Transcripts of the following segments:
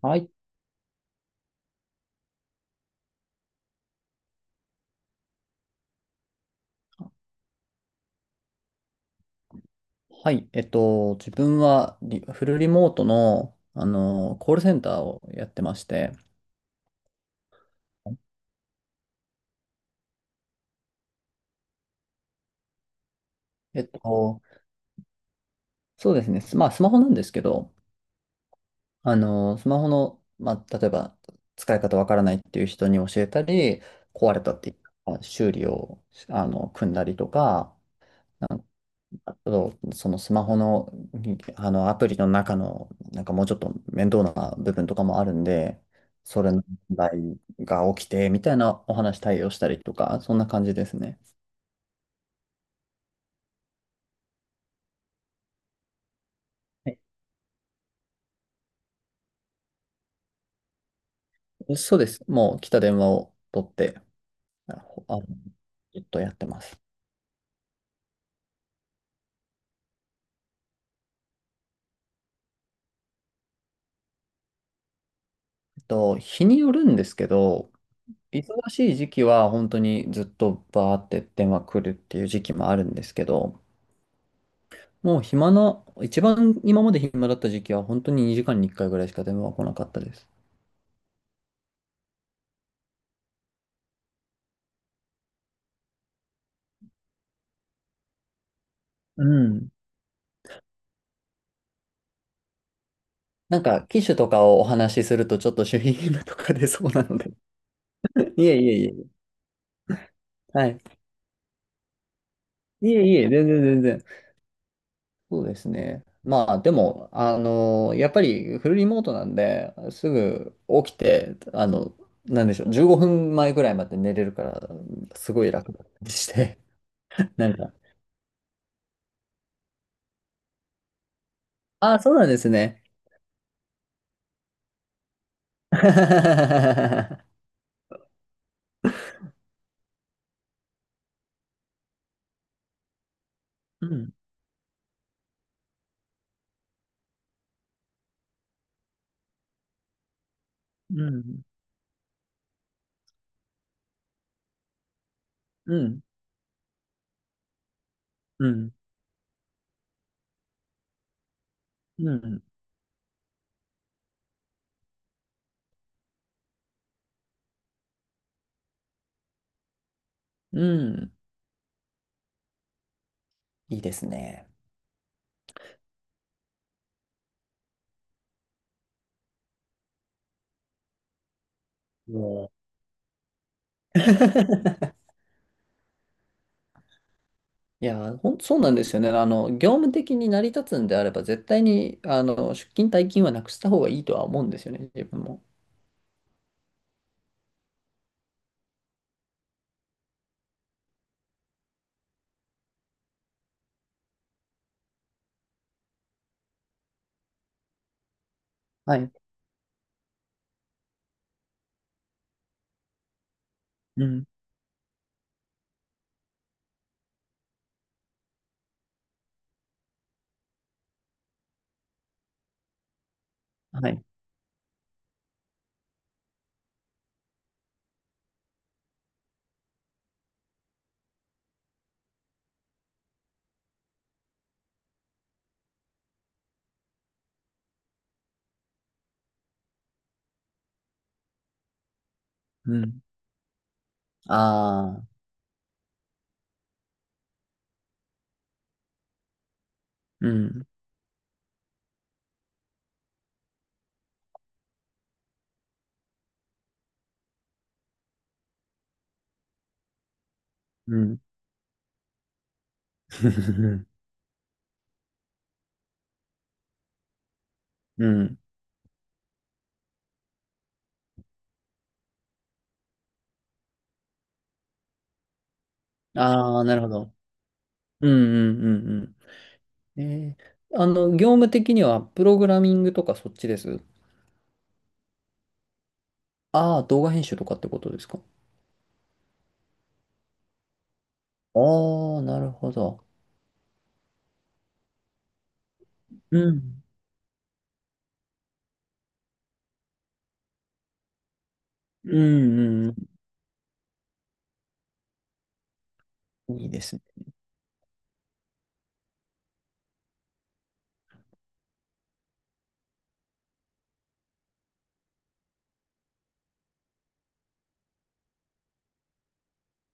はい。はい。自分はフルリモートのコールセンターをやってまして、えっと、そうですね。まあ、スマホなんですけど、スマホの、まあ、例えば、使い方わからないっていう人に教えたり、壊れたっていう修理を、組んだりとか、あと、そのスマホの、アプリの中の、なんかもうちょっと面倒な部分とかもあるんで、それの問題が起きて、みたいなお話対応したりとか、そんな感じですね。はい、そうです。もう来た電話を取って、あの、ずっとやってます。日によるんですけど、忙しい時期は本当にずっとバーって電話来るっていう時期もあるんですけど、もう暇な、一番今まで暇だった時期は本当に2時間に1回ぐらいしか電話は来なかったです。うん。なんか、機種とかをお話しするとちょっと守秘義務とか出そうなので いえいえいえ。はい。いえいえ、全然全然。そうですね。まあ、でも、あのやっぱりフルリモートなんで、すぐ起きて、なんでしょう、15分前ぐらいまで寝れるから、すごい楽だったりして、なんか、ああ、そうなんですね。うん、うん。うん、うん、うん、うん。いいですね。もう そうなんですよね。業務的に成り立つんであれば、絶対に、出勤退勤はなくした方がいいとは思うんですよね、自分も。はい。うん。はい。うん。ああ、うん。うん。うん。ああ、なるほど。うん、うん、うん、うん。業務的には、プログラミングとかそっちです。ああ、動画編集とかってことですか。ああー、なるほど。うん。うんうんうん。いいですね。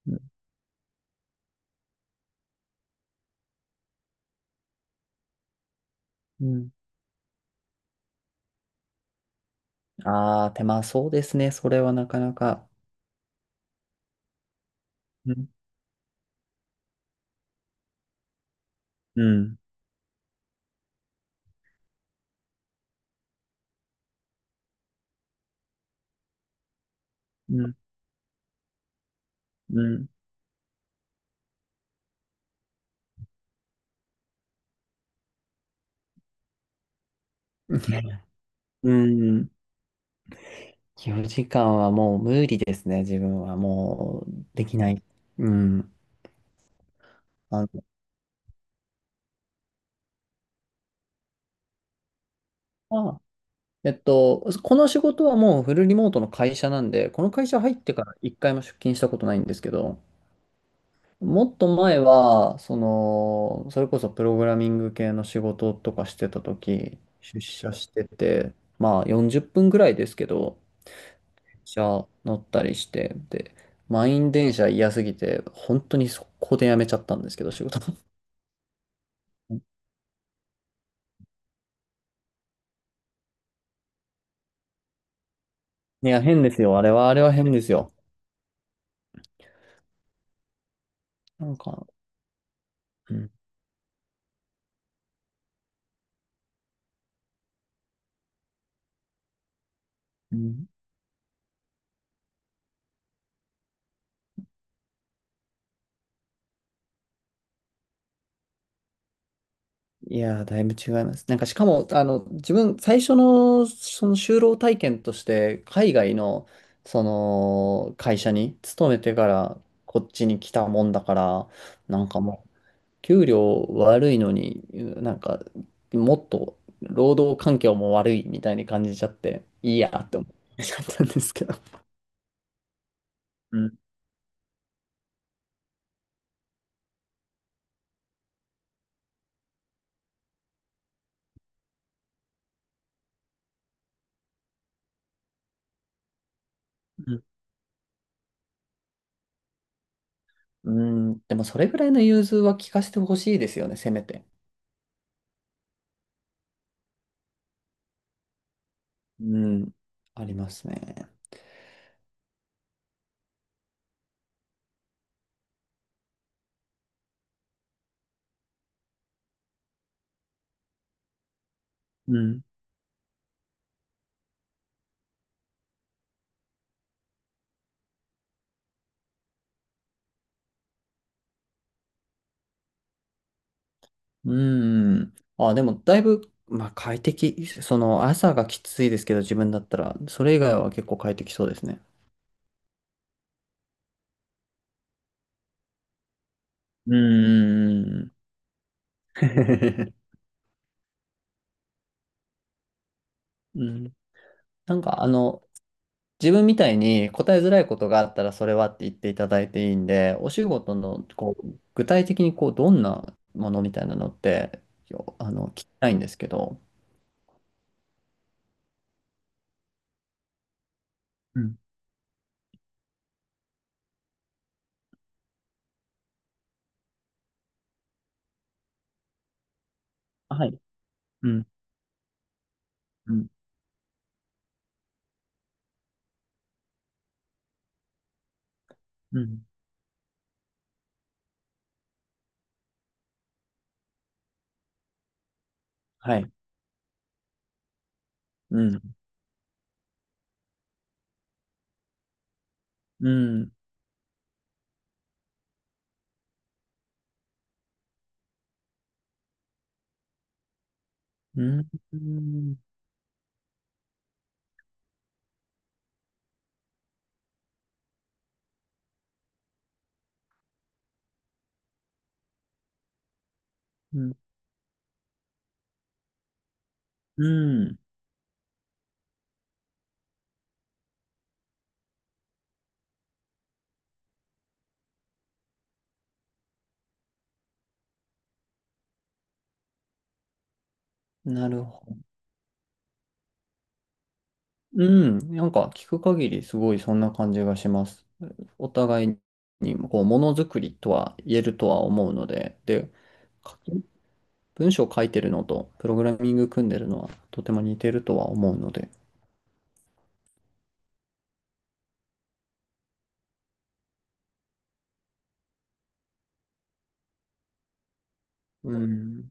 うん。うん、ああ、手間そうですね。それはなかなか。うん。うん。うん。うん。うん。4時間はもう無理ですね。自分はもうできない。うん。あの、まあ、この仕事はもうフルリモートの会社なんで、この会社入ってから一回も出勤したことないんですけど、もっと前は、その、それこそプログラミング系の仕事とかしてた時、出社してて、まあ40分ぐらいですけど、電車乗ったりして、で、満員電車嫌すぎて、本当に速攻で辞めちゃったんですけど、仕事。いや、変ですよ。あれは変ですよ。なんか、うん。うん、いやー、だいぶ違います。なんか、しかも、自分、最初の、その就労体験として、海外の、その、会社に勤めてから、こっちに来たもんだから、なんかもう、給料悪いのに、なんか、もっと、労働環境も悪いみたいに感じちゃって、いいやって思っちゃったんですけど。うん。うん、うんでも、それぐらいの融通は聞かせてほしいですよね、せめて。うん、ありますね。うんうーん。あ、でも、だいぶ、まあ、快適。その、朝がきついですけど、自分だったら、それ以外は結構快適そうですね。うーん。うん。なんか、自分みたいに答えづらいことがあったら、それはって言っていただいていいんで、お仕事の、こう、具体的に、こう、どんなものみたいなのって、よあの、聞きたいんですけど。うん。はい。うん。うん。うん。はい。うん。うん。うん。うん。うん。うん、なるほど。うん。なんか聞く限りすごいそんな感じがします。お互いにこうものづくりとは言えるとは思うので、で、書き文章を書いてるのとプログラミング組んでるのはとても似てるとは思うので。うん。